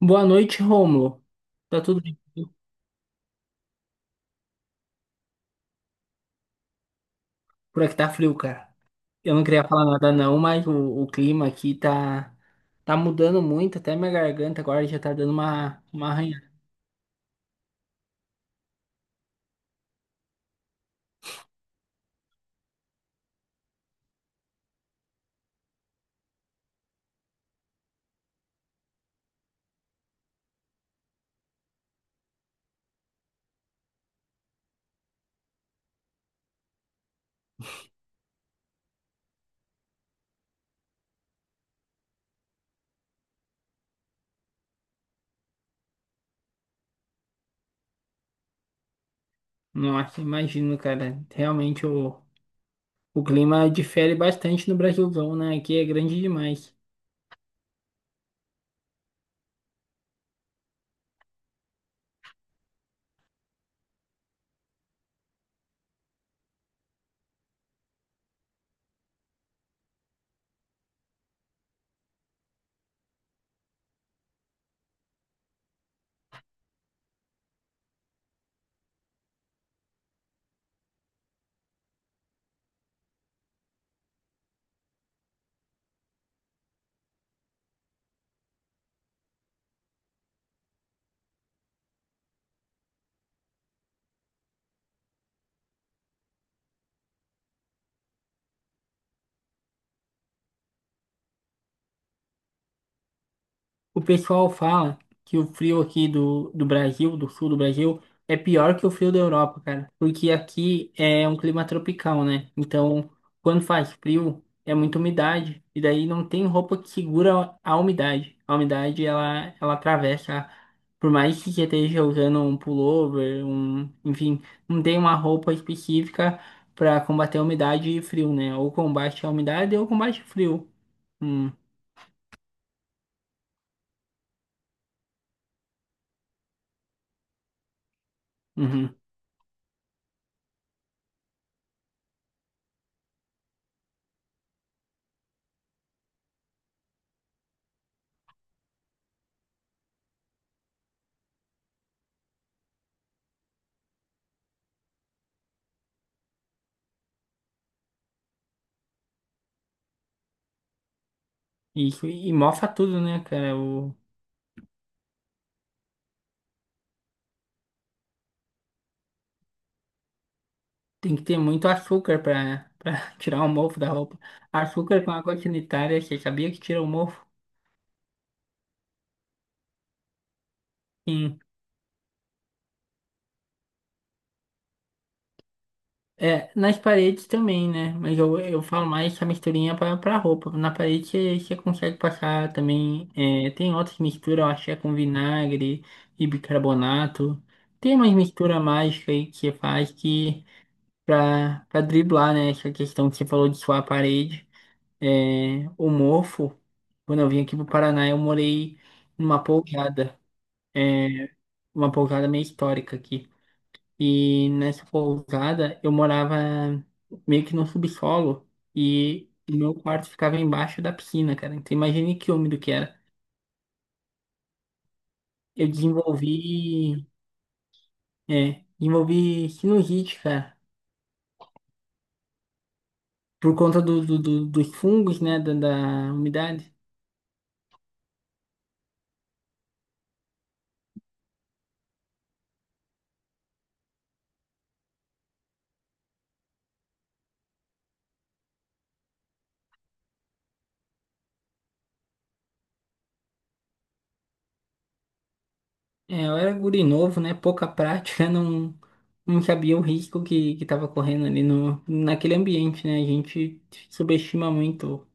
Boa noite, Rômulo. Tá tudo bem? Por aqui tá frio, cara. Eu não queria falar nada não, mas o clima aqui tá mudando muito, até minha garganta agora já tá dando uma arranhada. Nossa, imagino, cara. Realmente o clima difere bastante no Brasilzão, né? Aqui é grande demais. O pessoal fala que o frio aqui do Brasil, do sul do Brasil, é pior que o frio da Europa, cara. Porque aqui é um clima tropical, né? Então, quando faz frio, é muita umidade. E daí não tem roupa que segura a umidade. A umidade, ela atravessa. Por mais que você esteja usando um pullover, um, enfim, não tem uma roupa específica para combater a umidade e frio, né? Ou combate a umidade ou combate o frio. Hum, uhum. E, e mofa tudo, né, cara? O, tem que ter muito açúcar pra tirar o mofo da roupa. Açúcar com água sanitária, você sabia que tira o mofo? Sim. É, nas paredes também, né? Mas eu falo mais essa misturinha pra roupa. Na parede você consegue passar também. É, tem outras misturas, eu acho que é com vinagre e bicarbonato. Tem umas misturas mágicas aí que você faz que pra driblar, né? Essa questão que você falou de suar a parede. É, o mofo, quando eu vim aqui pro Paraná, eu morei numa pousada, é, uma pousada meio histórica aqui. E nessa pousada eu morava meio que no subsolo e meu quarto ficava embaixo da piscina, cara. Então imagine que úmido que era. Eu desenvolvi, é, desenvolvi sinusite, cara, por conta dos fungos, né, da umidade. É, eu era guri novo, né? Pouca prática, não, não sabia o risco que tava correndo ali no, naquele ambiente, né? A gente subestima muito.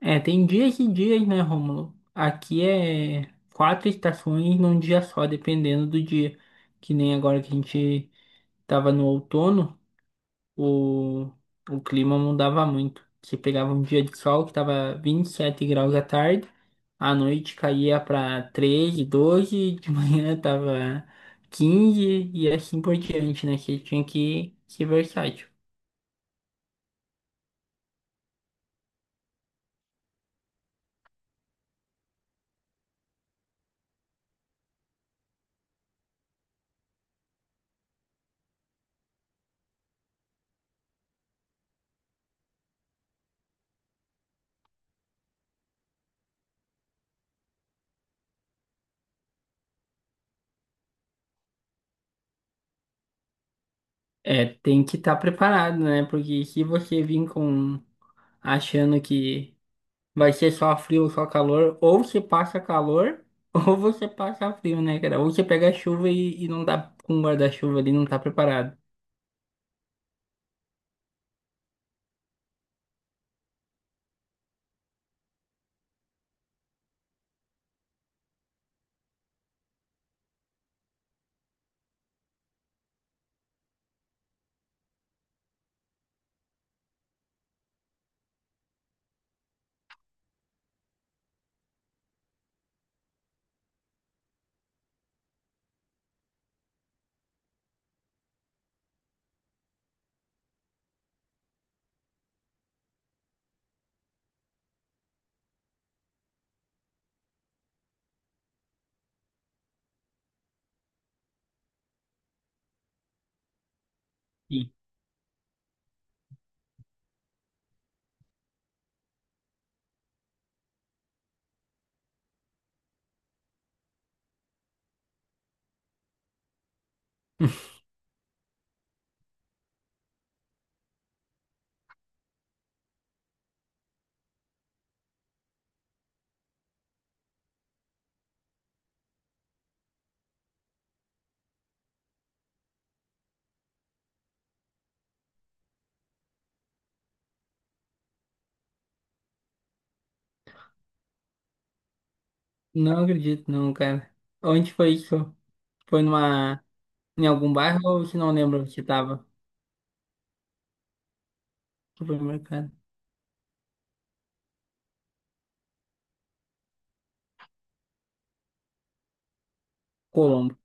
É, tem dias e dias, né, Rômulo? Aqui é quatro estações num dia só, dependendo do dia. Que nem agora que a gente tava no outono. o, o, clima mudava muito. Você pegava um dia de sol que estava 27 graus à tarde, à noite caía para 13, 12 de manhã tava 15 e assim por diante, né? Você tinha que ser versátil. É, tem que estar preparado, né? Porque se você vir com achando que vai ser só frio ou só calor, ou você passa calor, ou você passa frio, né, cara? Ou você pega chuva e não tá com um guarda-chuva ali, não tá preparado. Sim. Não acredito, não, cara. Onde foi isso? Foi numa, em algum bairro ou se não lembro que tava? Supermercado. Colombo.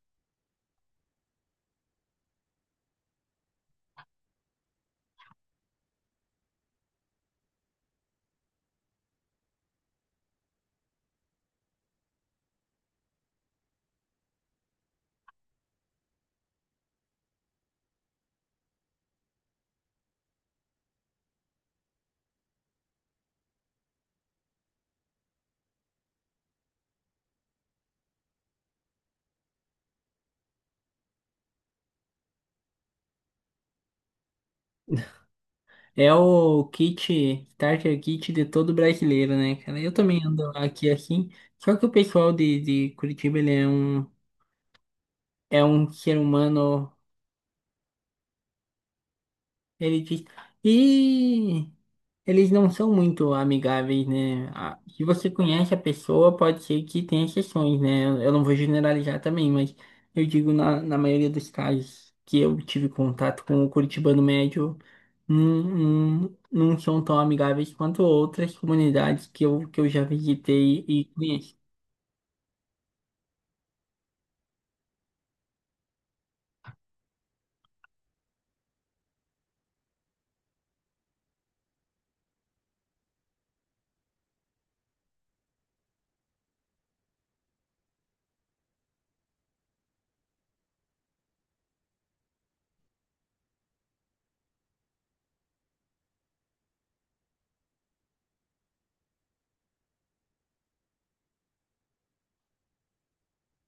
É o kit, starter kit de todo brasileiro, né, cara? Eu também ando aqui assim. Só que o pessoal de Curitiba, ele é um ser humano. Ele diz. E eles não são muito amigáveis, né? Ah, se você conhece a pessoa, pode ser que tenha exceções, né? Eu não vou generalizar também, mas eu digo na maioria dos casos que eu tive contato com o curitibano médio, não, não, não são tão amigáveis quanto outras comunidades que eu já visitei e conheço.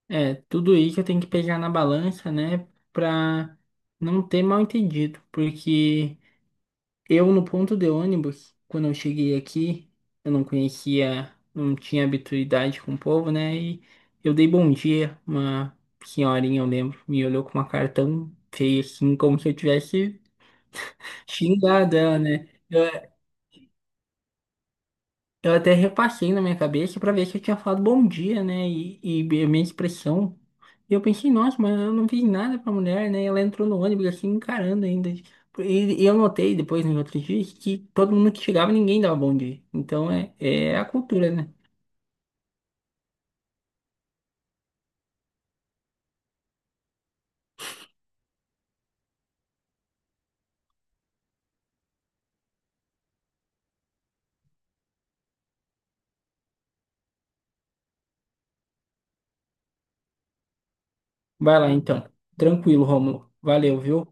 É, tudo isso eu tenho que pegar na balança, né? Pra não ter mal entendido, porque. Eu, no ponto de ônibus, quando eu cheguei aqui, eu não conhecia, não tinha habituidade com o povo, né? E eu dei bom dia, uma senhorinha, eu lembro, me olhou com uma cara tão feia assim, como se eu tivesse xingado ela, né? Eu até repassei na minha cabeça pra ver se eu tinha falado bom dia, né? E a minha expressão. E eu pensei, nossa, mas eu não fiz nada pra mulher, né? E ela entrou no ônibus assim, encarando ainda. E eu notei depois, nos outros dias, que todo mundo que chegava, ninguém dava bom dia. Então é a cultura, né? Vai lá, então. Tranquilo, Rômulo. Valeu, viu?